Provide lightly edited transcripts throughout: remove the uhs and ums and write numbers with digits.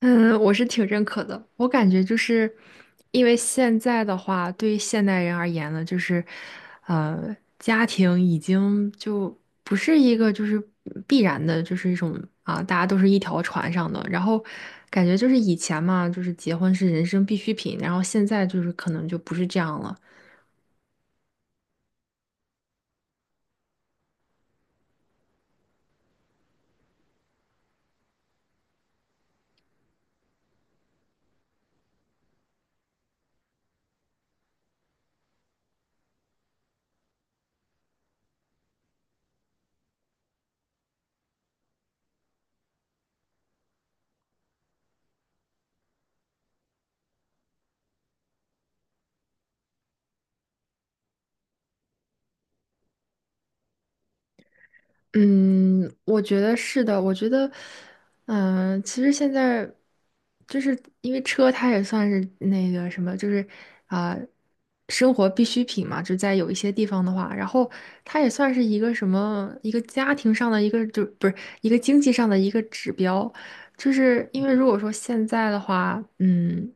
嗯，我是挺认可的。我感觉就是，因为现在的话，对于现代人而言呢，就是，家庭已经就不是一个就是必然的，就是一种大家都是一条船上的。然后感觉就是以前嘛，就是结婚是人生必需品，然后现在就是可能就不是这样了。嗯，我觉得是的。我觉得，嗯、其实现在就是因为车，它也算是那个什么，就是啊、生活必需品嘛。就在有一些地方的话，然后它也算是一个什么，一个家庭上的一个，就不是一个经济上的一个指标。就是因为如果说现在的话，嗯，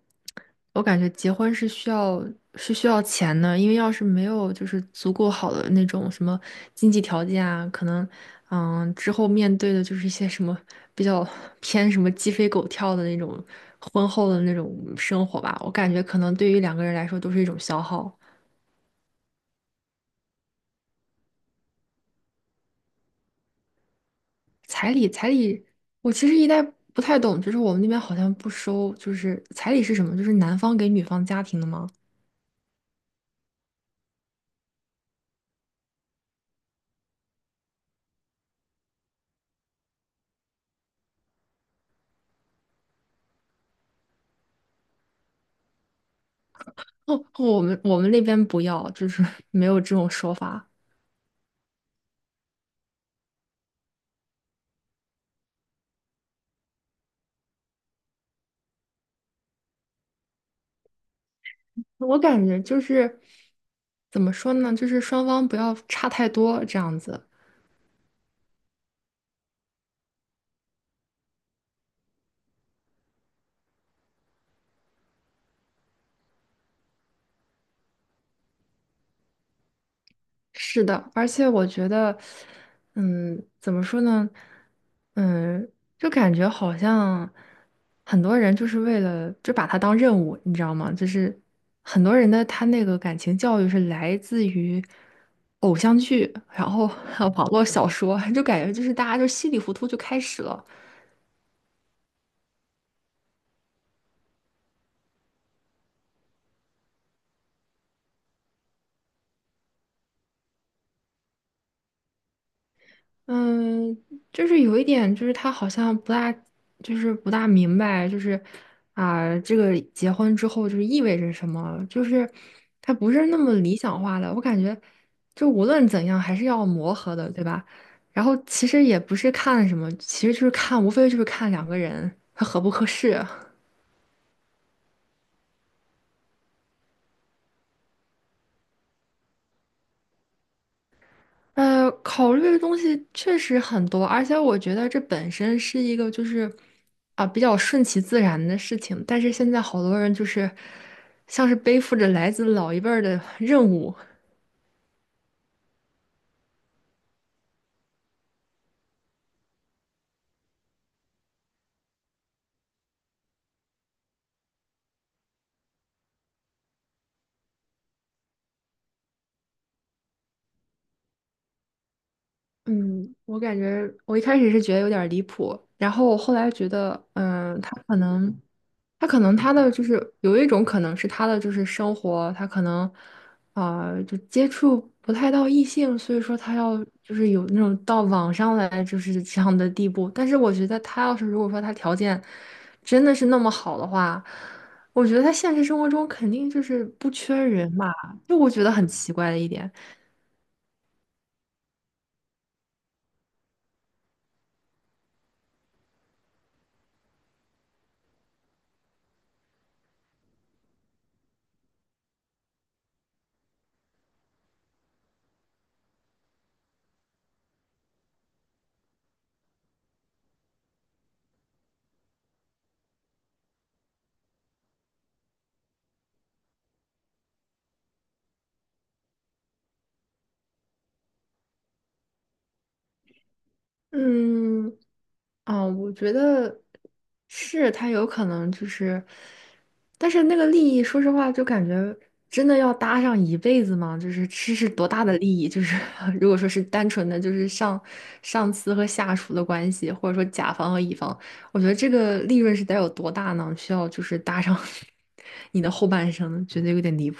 我感觉结婚是需要钱的，因为要是没有就是足够好的那种什么经济条件啊，可能嗯之后面对的就是一些什么比较偏什么鸡飞狗跳的那种婚后的那种生活吧，我感觉可能对于两个人来说都是一种消耗。彩礼，彩礼，我其实一代不太懂，就是我们那边好像不收，就是彩礼是什么？就是男方给女方家庭的吗？哦，我们那边不要，就是 没有这种说法。我感觉就是怎么说呢，就是双方不要差太多这样子。是的，而且我觉得，嗯，怎么说呢，嗯，就感觉好像很多人就是为了就把它当任务，你知道吗？就是很多人的他那个感情教育是来自于偶像剧，然后 还有网络小说，就感觉就是大家就稀里糊涂就开始了。嗯，就是有一点，就是他好像不大，就是不大明白，就是这个结婚之后就是意味着什么，就是他不是那么理想化的。我感觉，就无论怎样还是要磨合的，对吧？然后其实也不是看什么，其实就是看，无非就是看两个人他合不合适。呃，考虑的东西确实很多，而且我觉得这本身是一个就是啊比较顺其自然的事情。但是现在好多人就是像是背负着来自老一辈儿的任务，嗯，我感觉我一开始是觉得有点儿离谱，然后我后来觉得，嗯，他可能，他可能他的就是有一种可能是他的就是生活，他可能就接触不太到异性，所以说他要就是有那种到网上来就是这样的地步。但是我觉得他要是如果说他条件真的是那么好的话，我觉得他现实生活中肯定就是不缺人嘛。就我觉得很奇怪的一点。嗯，啊，我觉得是他有可能就是，但是那个利益，说实话，就感觉真的要搭上一辈子吗？就是这是多大的利益？就是 如果说是单纯的就是上司和下属的关系，或者说甲方和乙方，我觉得这个利润是得有多大呢？需要就是搭上 你的后半生，觉得有点离谱。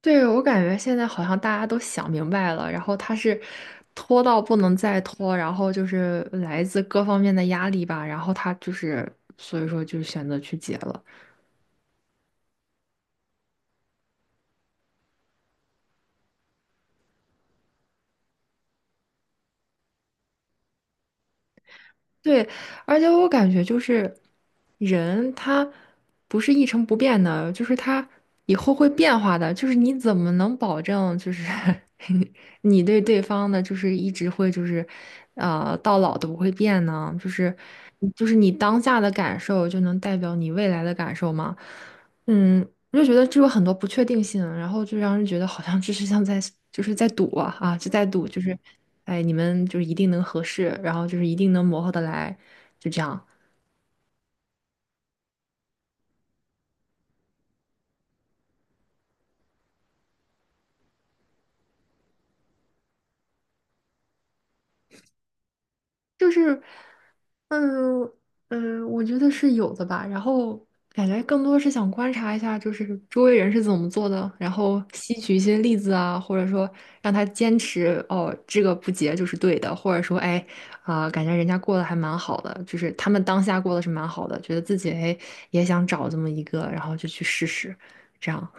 对，我感觉现在好像大家都想明白了，然后他是拖到不能再拖，然后就是来自各方面的压力吧，然后他就是所以说就选择去结了。对，而且我感觉就是人他不是一成不变的，就是他以后会变化的。就是你怎么能保证就是 你对对方的，就是一直会就是呃到老都不会变呢？就是你当下的感受就能代表你未来的感受吗？嗯，我就觉得这有很多不确定性，然后就让人觉得好像就是像在就是在赌啊啊，就在赌，就是，哎，你们就是一定能合适，然后就是一定能磨合得来，就这样，就是。嗯嗯，呃我觉得是有的吧。然后感觉更多是想观察一下，就是周围人是怎么做的，然后吸取一些例子啊，或者说让他坚持哦，这个不结就是对的，或者说哎感觉人家过得还蛮好的，就是他们当下过得是蛮好的，觉得自己哎也想找这么一个，然后就去试试。这样，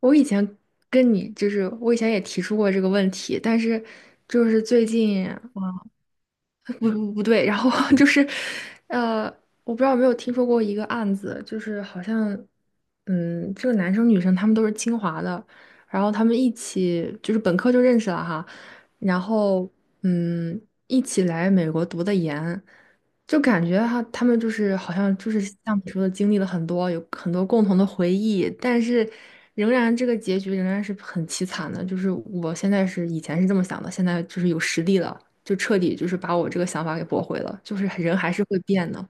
我以前跟你就是我以前也提出过这个问题，但是就是最近。不对，然后 就是，呃，我不知道有没有听说过一个案子，就是好像，嗯，这个男生女生他们都是清华的，然后他们一起就是本科就认识了哈，然后嗯，一起来美国读的研，就感觉哈，他们就是好像就是像你说的经历了很多，有很多共同的回忆，但是仍然这个结局仍然是很凄惨的，就是我现在是以前是这么想的，现在就是有实力了。就彻底就是把我这个想法给驳回了，就是人还是会变的。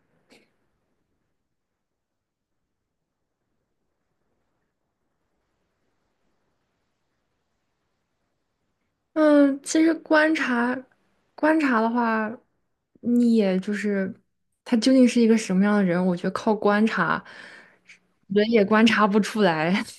嗯，其实观察的话，你也就是他究竟是一个什么样的人，我觉得靠观察，人也观察不出来。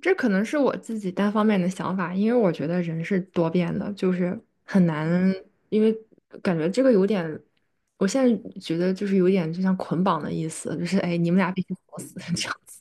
这可能是我自己单方面的想法，因为我觉得人是多变的，就是很难，因为感觉这个有点，我现在觉得就是有点就像捆绑的意思，就是哎，你们俩必须活死 这样子。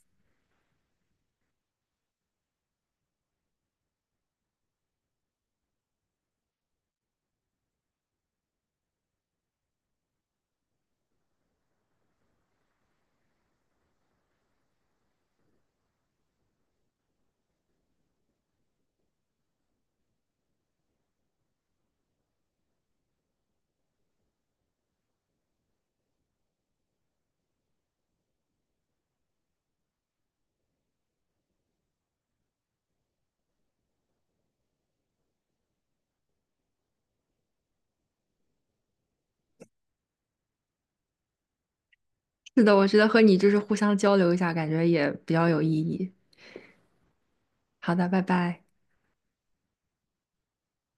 是的，我觉得和你就是互相交流一下，感觉也比较有意义。好的，拜拜。